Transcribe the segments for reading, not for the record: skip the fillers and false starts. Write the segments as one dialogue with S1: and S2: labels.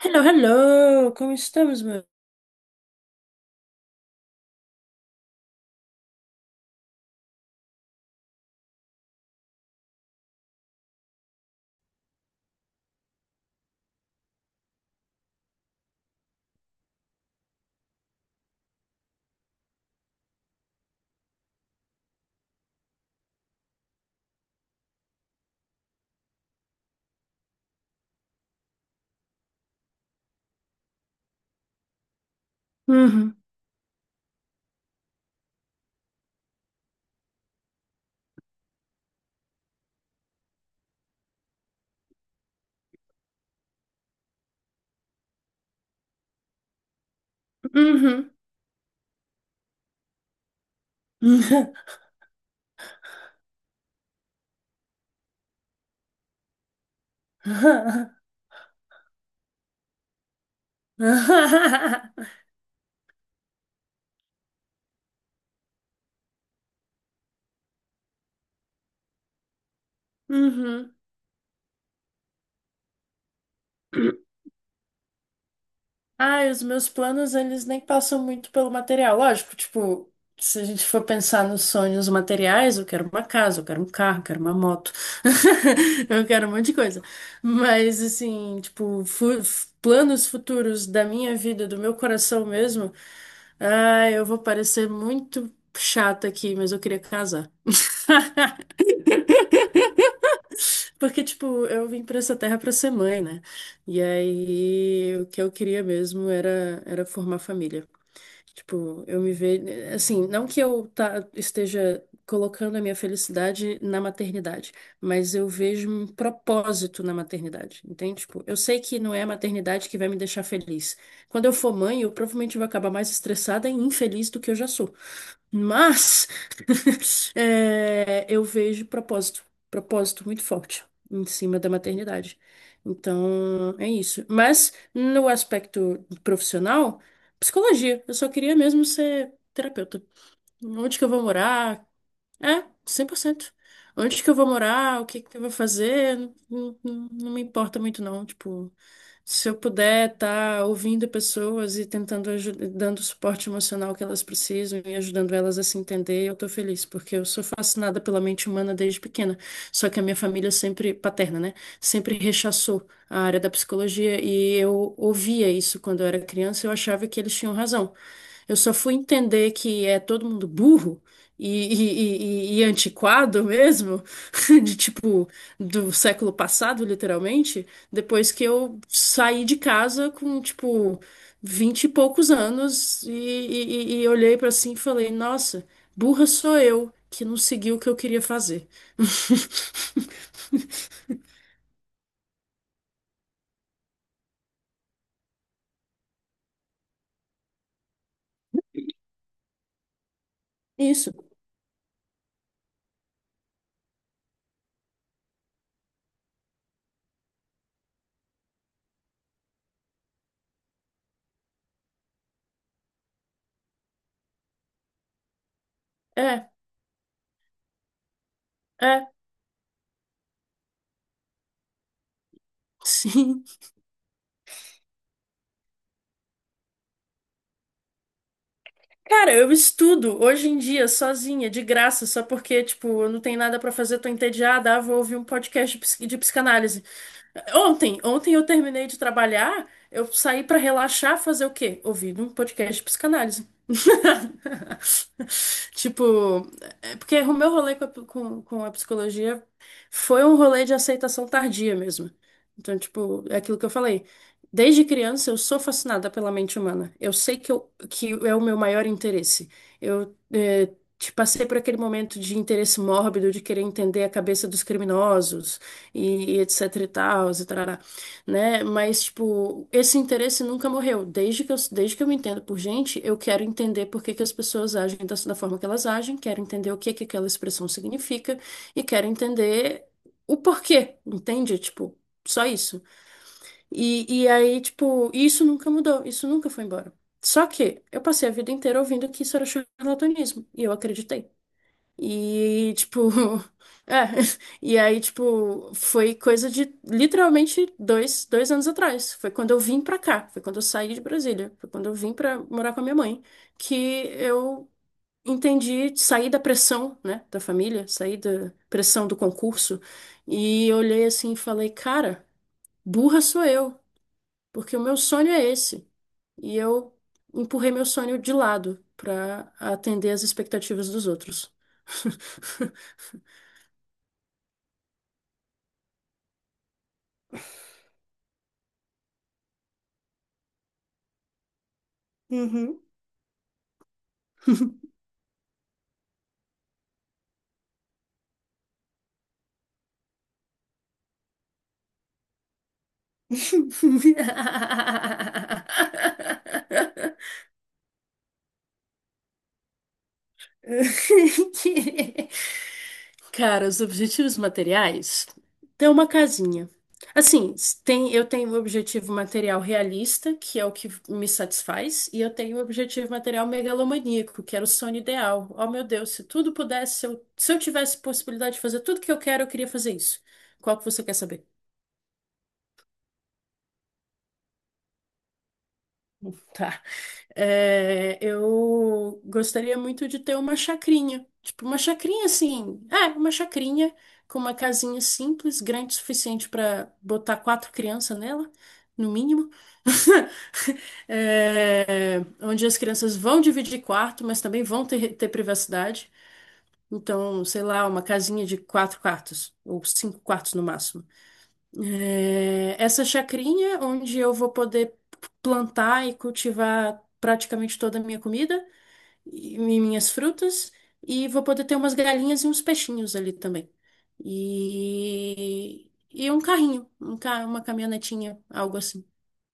S1: Hello, hello, como estamos, meu? Uhum, uhum, uhum. Ai, os meus planos, eles nem passam muito pelo material. Lógico, tipo, se a gente for pensar nos sonhos materiais, eu quero uma casa, eu quero um carro, eu quero uma moto, eu quero um monte de coisa. Mas, assim, tipo, planos futuros da minha vida, do meu coração mesmo, ai, eu vou parecer muito chata aqui, mas eu queria casar. Porque, tipo, eu vim pra essa terra pra ser mãe, né? E aí, o que eu queria mesmo era, era formar família. Tipo, eu me vejo. Assim, não que eu esteja colocando a minha felicidade na maternidade, mas eu vejo um propósito na maternidade, entende? Tipo, eu sei que não é a maternidade que vai me deixar feliz. Quando eu for mãe, eu provavelmente vou acabar mais estressada e infeliz do que eu já sou. Mas. É, eu vejo propósito muito forte em cima da maternidade. Então, é isso. Mas no aspecto profissional, psicologia, eu só queria mesmo ser terapeuta. Onde que eu vou morar? É, 100%. Onde que eu vou morar, o que que eu vou fazer, não me importa muito não, tipo, se eu puder estar ouvindo pessoas e tentando dando o suporte emocional que elas precisam e ajudando elas a se entender, eu tô feliz, porque eu sou fascinada pela mente humana desde pequena. Só que a minha família sempre paterna, né, sempre rechaçou a área da psicologia e eu ouvia isso quando eu era criança, eu achava que eles tinham razão. Eu só fui entender que é todo mundo burro e, e antiquado mesmo, de tipo do século passado, literalmente, depois que eu saí de casa com tipo vinte e poucos anos e olhei pra assim e falei, nossa, burra sou eu que não segui o que eu queria fazer. Isso, é, é, sim. Cara, eu estudo hoje em dia sozinha, de graça, só porque, tipo, eu não tenho nada pra fazer, tô entediada, ah, vou ouvir um podcast de de psicanálise. Ontem eu terminei de trabalhar, eu saí pra relaxar, fazer o quê? Ouvir um podcast de psicanálise. Tipo, é porque o meu rolê com a psicologia foi um rolê de aceitação tardia mesmo. Então, tipo, é aquilo que eu falei. Desde criança eu sou fascinada pela mente humana. Eu sei que, eu, que é o meu maior interesse. Eu te passei por aquele momento de interesse mórbido, de querer entender a cabeça dos criminosos e etc e tal, e tarará, né? Mas, tipo, esse interesse nunca morreu. Desde que eu me entendo por gente, eu quero entender por que que as pessoas agem da forma que elas agem, quero entender o que que aquela expressão significa e quero entender o porquê, entende? Tipo, só isso. E aí, tipo, isso nunca mudou, isso nunca foi embora. Só que eu passei a vida inteira ouvindo que isso era charlatanismo, e eu acreditei. E, tipo. É, e aí, tipo, foi coisa de literalmente dois anos atrás. Foi quando eu vim pra cá, foi quando eu saí de Brasília, foi quando eu vim pra morar com a minha mãe, que eu entendi, saí da pressão, né, da família, saí da pressão do concurso, e olhei assim e falei, cara, burra sou eu, porque o meu sonho é esse. E eu empurrei meu sonho de lado pra atender às expectativas dos outros. Uhum. Que- Cara, os objetivos materiais tem uma casinha. Assim, tem, eu tenho um objetivo material realista, que é o que me satisfaz, e eu tenho um objetivo material megalomaníaco, que era o sonho ideal. Oh, meu Deus, se tudo pudesse, se eu tivesse possibilidade de fazer tudo que eu quero, eu queria fazer isso. Qual que você quer saber? Tá. É, eu gostaria muito de ter uma chacrinha. Tipo, uma chacrinha assim. É, uma chacrinha com uma casinha simples, grande o suficiente para botar quatro crianças nela, no mínimo. É, onde as crianças vão dividir quarto, mas também vão ter privacidade. Então, sei lá, uma casinha de quatro quartos, ou cinco quartos no máximo. É, essa chacrinha onde eu vou poder plantar e cultivar praticamente toda a minha comida e minhas frutas, e vou poder ter umas galinhas e uns peixinhos ali também. E um carrinho, uma caminhonetinha, algo assim.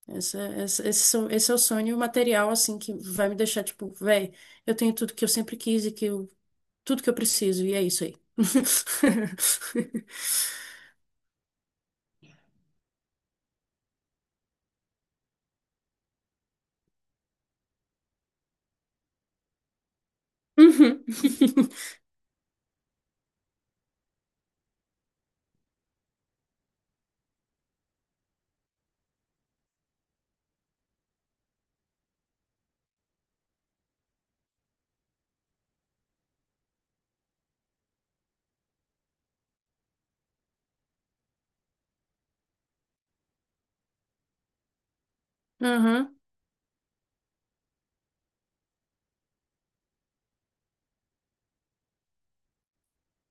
S1: Esse é o sonho material, assim, que vai me deixar, tipo, véi, eu tenho tudo que eu sempre quis e que eu, tudo que eu preciso, e é isso aí. Uhum. Uhum.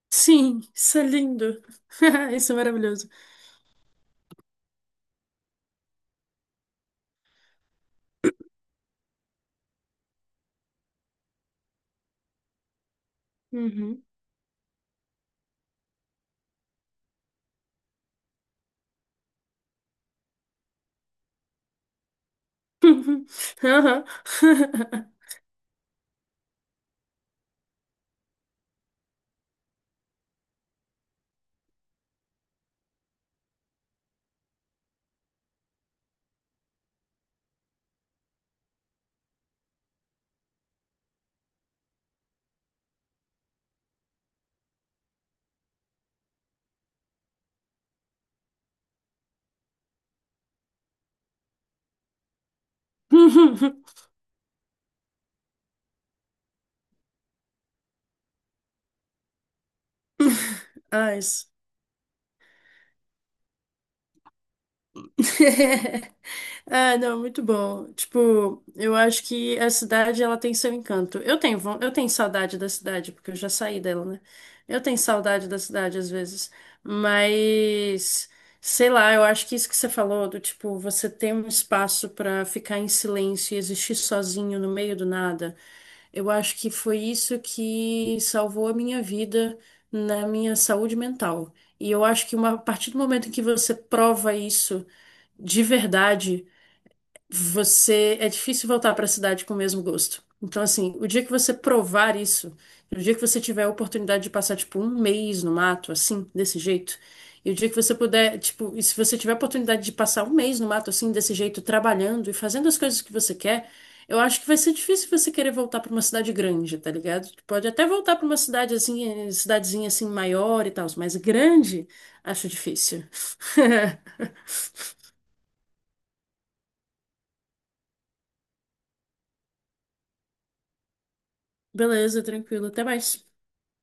S1: Sim, isso é lindo. Isso é maravilhoso. Uhum. Aham. Ah, isso. Ah, não, muito bom. Tipo, eu acho que a cidade ela tem seu encanto. Eu tenho, eu tenho saudade da cidade, porque eu já saí dela, né? Eu tenho saudade da cidade às vezes, mas sei lá, eu acho que isso que você falou do tipo, você ter um espaço pra ficar em silêncio e existir sozinho no meio do nada. Eu acho que foi isso que salvou a minha vida na minha saúde mental. E eu acho que a partir do momento em que você prova isso de verdade, você é difícil voltar para a cidade com o mesmo gosto. Então, assim, o dia que você provar isso, e o dia que você tiver a oportunidade de passar, tipo, um mês no mato, assim, desse jeito, e o dia que você puder, tipo, e se você tiver a oportunidade de passar um mês no mato, assim, desse jeito, trabalhando e fazendo as coisas que você quer, eu acho que vai ser difícil você querer voltar para uma cidade grande, tá ligado? Tipo, pode até voltar para uma cidade, assim, cidadezinha, assim, maior e tal, mas grande, acho difícil. Beleza, tranquilo, até mais.